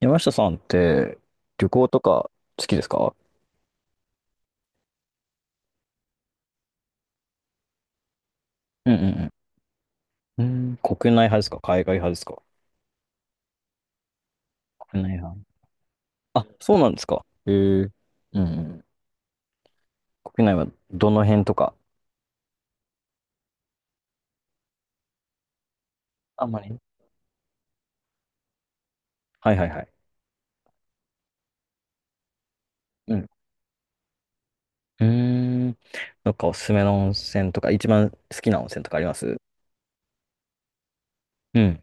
山下さんって旅行とか好きですか？うんうん。うん、うん、国内派ですか海外派ですか？国内派。あ、そうなんですか。へえ。うんうん。国内はどの辺とか。あんまり。はいはいはい。うん。うーん。どっかおすすめの温泉とか、一番好きな温泉とかあります？うん。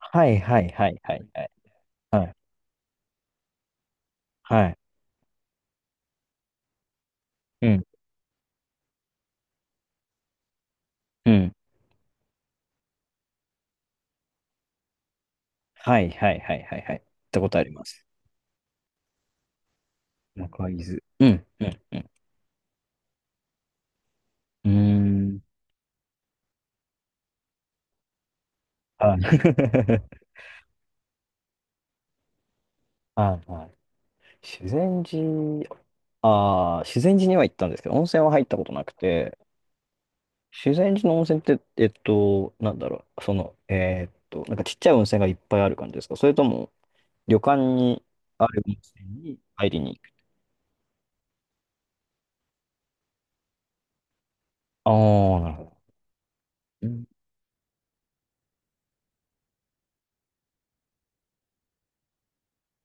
はいはいはいはいはい。はいはい。うん。うん。はいはいはいはいはい。行ったことあります。中伊豆。うん。うん。うん。うーん。はい。はいはい、修善寺、ああ、修善寺には行ったんですけど、温泉は入ったことなくて、修善寺の温泉って、なんかちっちゃい温泉がいっぱいある感じですか、それとも、旅館にある温泉に入りに行く。ああー、なるほど。うん、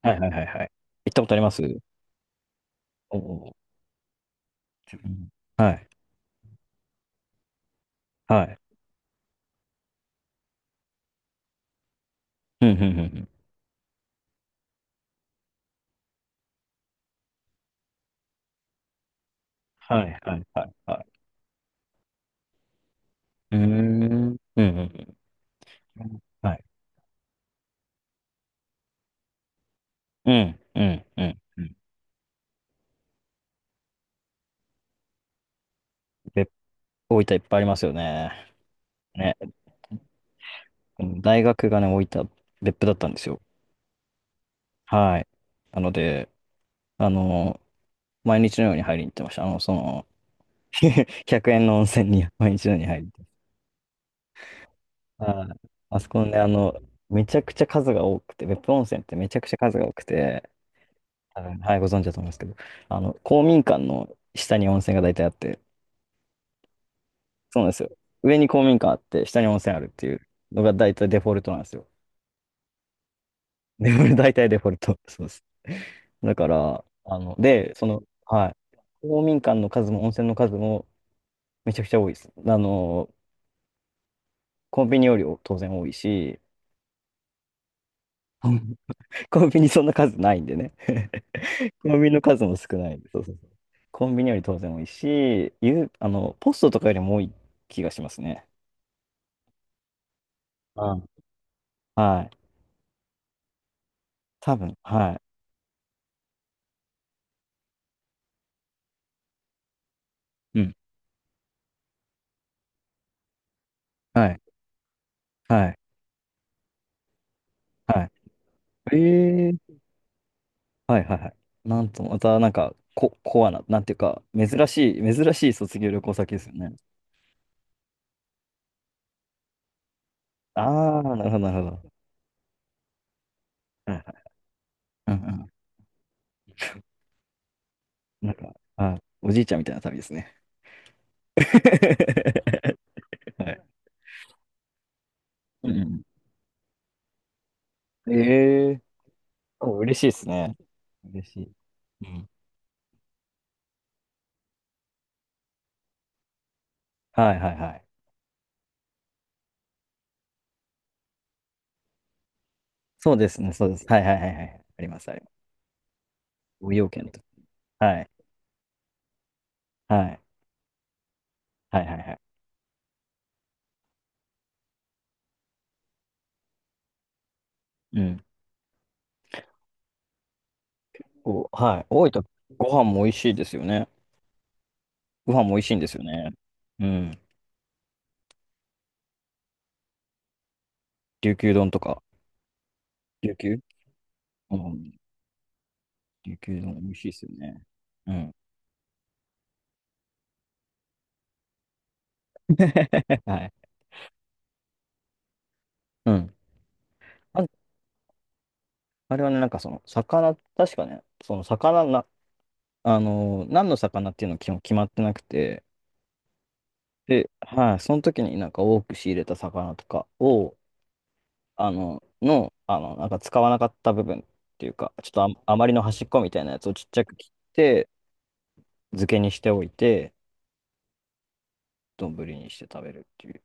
はいはいはいはい。行ったことあります？おおー。うん、はい。はい。うんうんうんうん。はいはいはいはい。うーん。うんうんうん。はい。うんうんうんうん。別府大分いっぱいありますよね。ね。あの大学がね、置いた別府だったんですよ。はい。なので、あの、毎日のように入りに行ってました。1円の温泉に毎日のように入りに行って。はい。あそこね、めちゃくちゃ数が多くて、別府温泉ってめちゃくちゃ数が多くて、多分、はい、ご存知だと思いますけど、あの、公民館の下に温泉が大体あって、そうなんですよ。上に公民館あって、下に温泉あるっていうのが大体デフォルトなんですよ。デフォルト、大体デフォルト。そうです。だから、あの、で、その、はい。公民館の数も温泉の数もめちゃくちゃ多いです。あの、コンビニより当然多いし、コンビニそんな数ないんでね。コンビニの数も少ないんで。そうそうそう。コンビニより当然多いし、ゆ、あの、ポストとかよりも多い気がしますね。ああ、はい。多分、はい。うん。はい。はい。はい。えー。はいはいはい。なんと、またなんか、コアな、なんていうか、珍しい卒業旅行先ですよね。ああ、なるほど。はいはい。うんうん。なんか、あ、おじいちゃんみたいな旅ですね。はい。うんうん。ええー、お、嬉しいですね。嬉しい。うん。はいはいはい。そうですね、そうです。はいはいはいはい。あります、あります。ご用件と。はい。はい。はいはいはい。うん。お、はい。大分、ご飯も美味しいですよね。ご飯も美味しいんですよね。うん。琉球丼とか。琉球、うん。琉球丼美味しいですよね。うん。はい。うん。あれはね、なんかその、何の魚っていうの基本決まってなくて、で、はい、その時になんか多く仕入れた魚とかを、あの、なんか使わなかった部分っていうか、ちょっとあ、あまりの端っこみたいなやつをちっちゃく切って、漬けにしておいて、丼にして食べるっていう。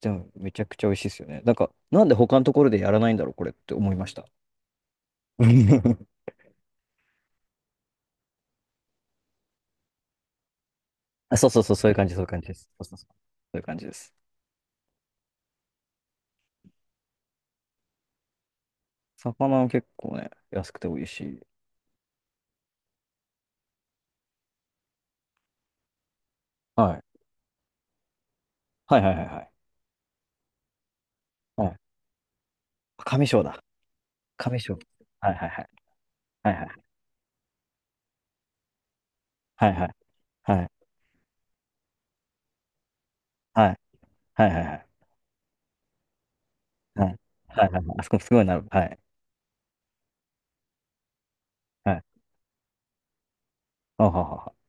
でも、めちゃくちゃ美味しいですよね。なんか、なんで他のところでやらないんだろう、これって思いました。あ、そういう感じ、そういう感じです。そういう感じです。魚は結構ね、安くて美味しい。はい。はいはいはいはい。はい。上章だ。上章。はいはいはい。はいはいはい。はいはい。はいはいはい。はい。はいはいはい。あそこすごいなる。はい。はい。あははは。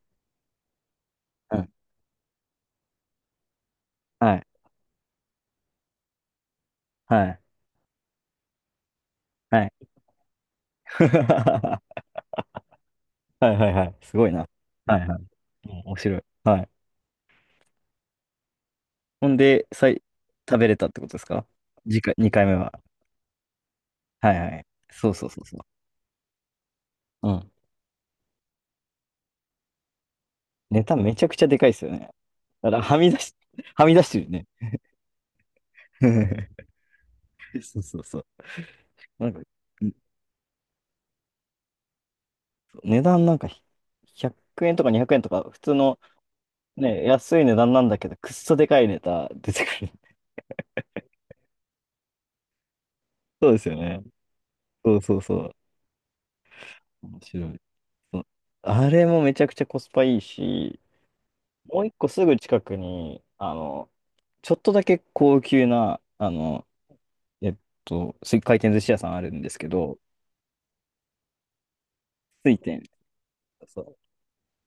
うん、はい。はい。はい。はいはいはい。すごいな。はいはい。うん、面白い。はい。ほんで、食べれたってことですか、次回、2回目は？はいはい。そうそうそうそう。うん。ネタめちゃくちゃでかいですよね。だからはみ出し、はみ出してるね。そうそうそう。なんか、ん値段なんか、100円とか200円とか、普通のね、安い値段なんだけど、くっそでかいネタ出てくる。そうですよね。そうそうそう。面白い。そう、あれもめちゃくちゃコスパいいし、もう一個すぐ近くに、あの、ちょっとだけ高級な、あの、えっ回転寿司屋さんあるんですけど、水天。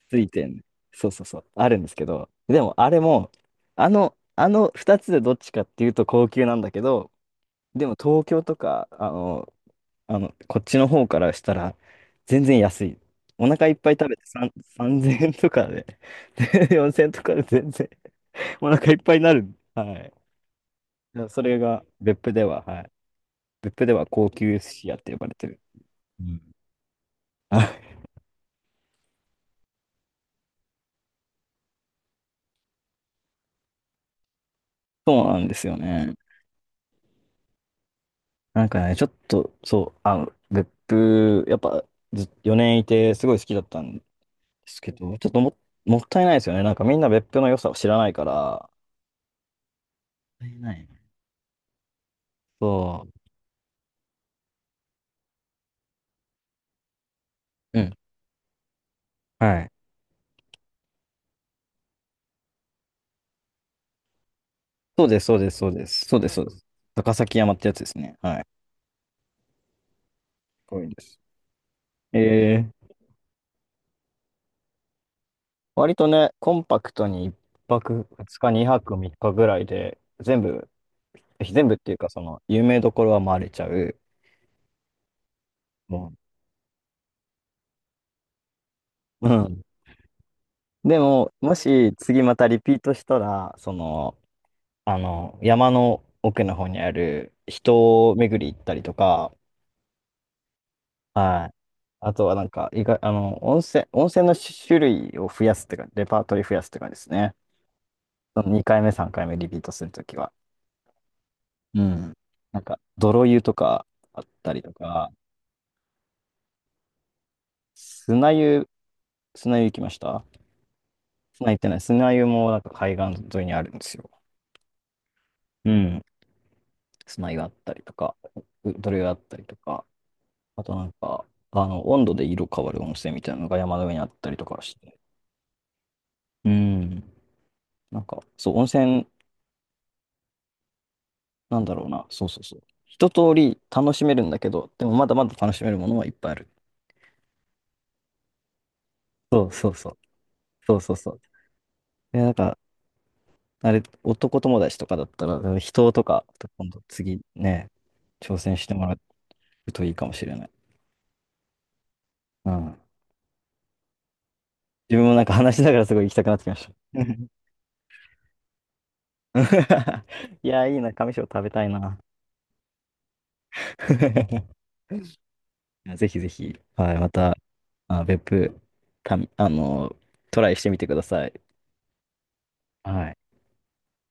ついてんね、そうそうそう。あるんですけど。でも、あれも、あの、あの二つでどっちかっていうと高級なんだけど、でも東京とか、あの、こっちの方からしたら、全然安い。お腹いっぱい食べて3、3000円とかで、で4000円とかで全然お腹いっぱいになる。はい。だからそれが別府では、はい。別府では高級寿司屋って呼ばれてる。うん。あ、そうなんですよね。なんかね、ちょっと、そう、あ、別府、やっぱ、ず、4年いて、すごい好きだったんですけど、ちょっとも、もったいないですよね。なんかみんな別府の良さを知らないから、もったいないね。そう、うん、はい。そうです、そうです。高崎山ってやつですね。はい。こういうんです。えー、割とね、コンパクトに1泊2日、2泊3日ぐらいで、全部、っていうか、その、有名どころは回れちゃう。もう、うん、でも、もし次またリピートしたら、山の奥の方にある人を巡り行ったりとか、はい。あとはなんか、意外、あの、温泉の種類を増やすっていうか、レパートリー増やすっていうかですね。その2回目、3回目リピートするときは。うん。なんか、泥湯とかあったりとか、砂湯、砂湯行きました？砂湯もなんか海岸沿いにあるんですよ。うん。砂湯あったりとか、泥湯あったりとか。あとなんか、あの、温度で色変わる温泉みたいなのが山の上にあったりとかして。うん。なんか、そう、温泉、なんだろうな。そうそうそう。一通り楽しめるんだけど、でもまだまだ楽しめるものはいっぱいある。そうそうそう。そうそうそう。いや、なんか、男友達とかだったら、人とか、今度次ね、挑戦してもらうといいかもしれない。うん。自分もなんか話しながらすごい行きたくなってきました。いや、いいな、上庄食べたいな。いや、ぜひぜひ、はい、また、あ、別府、た、あの、トライしてみてください。はい。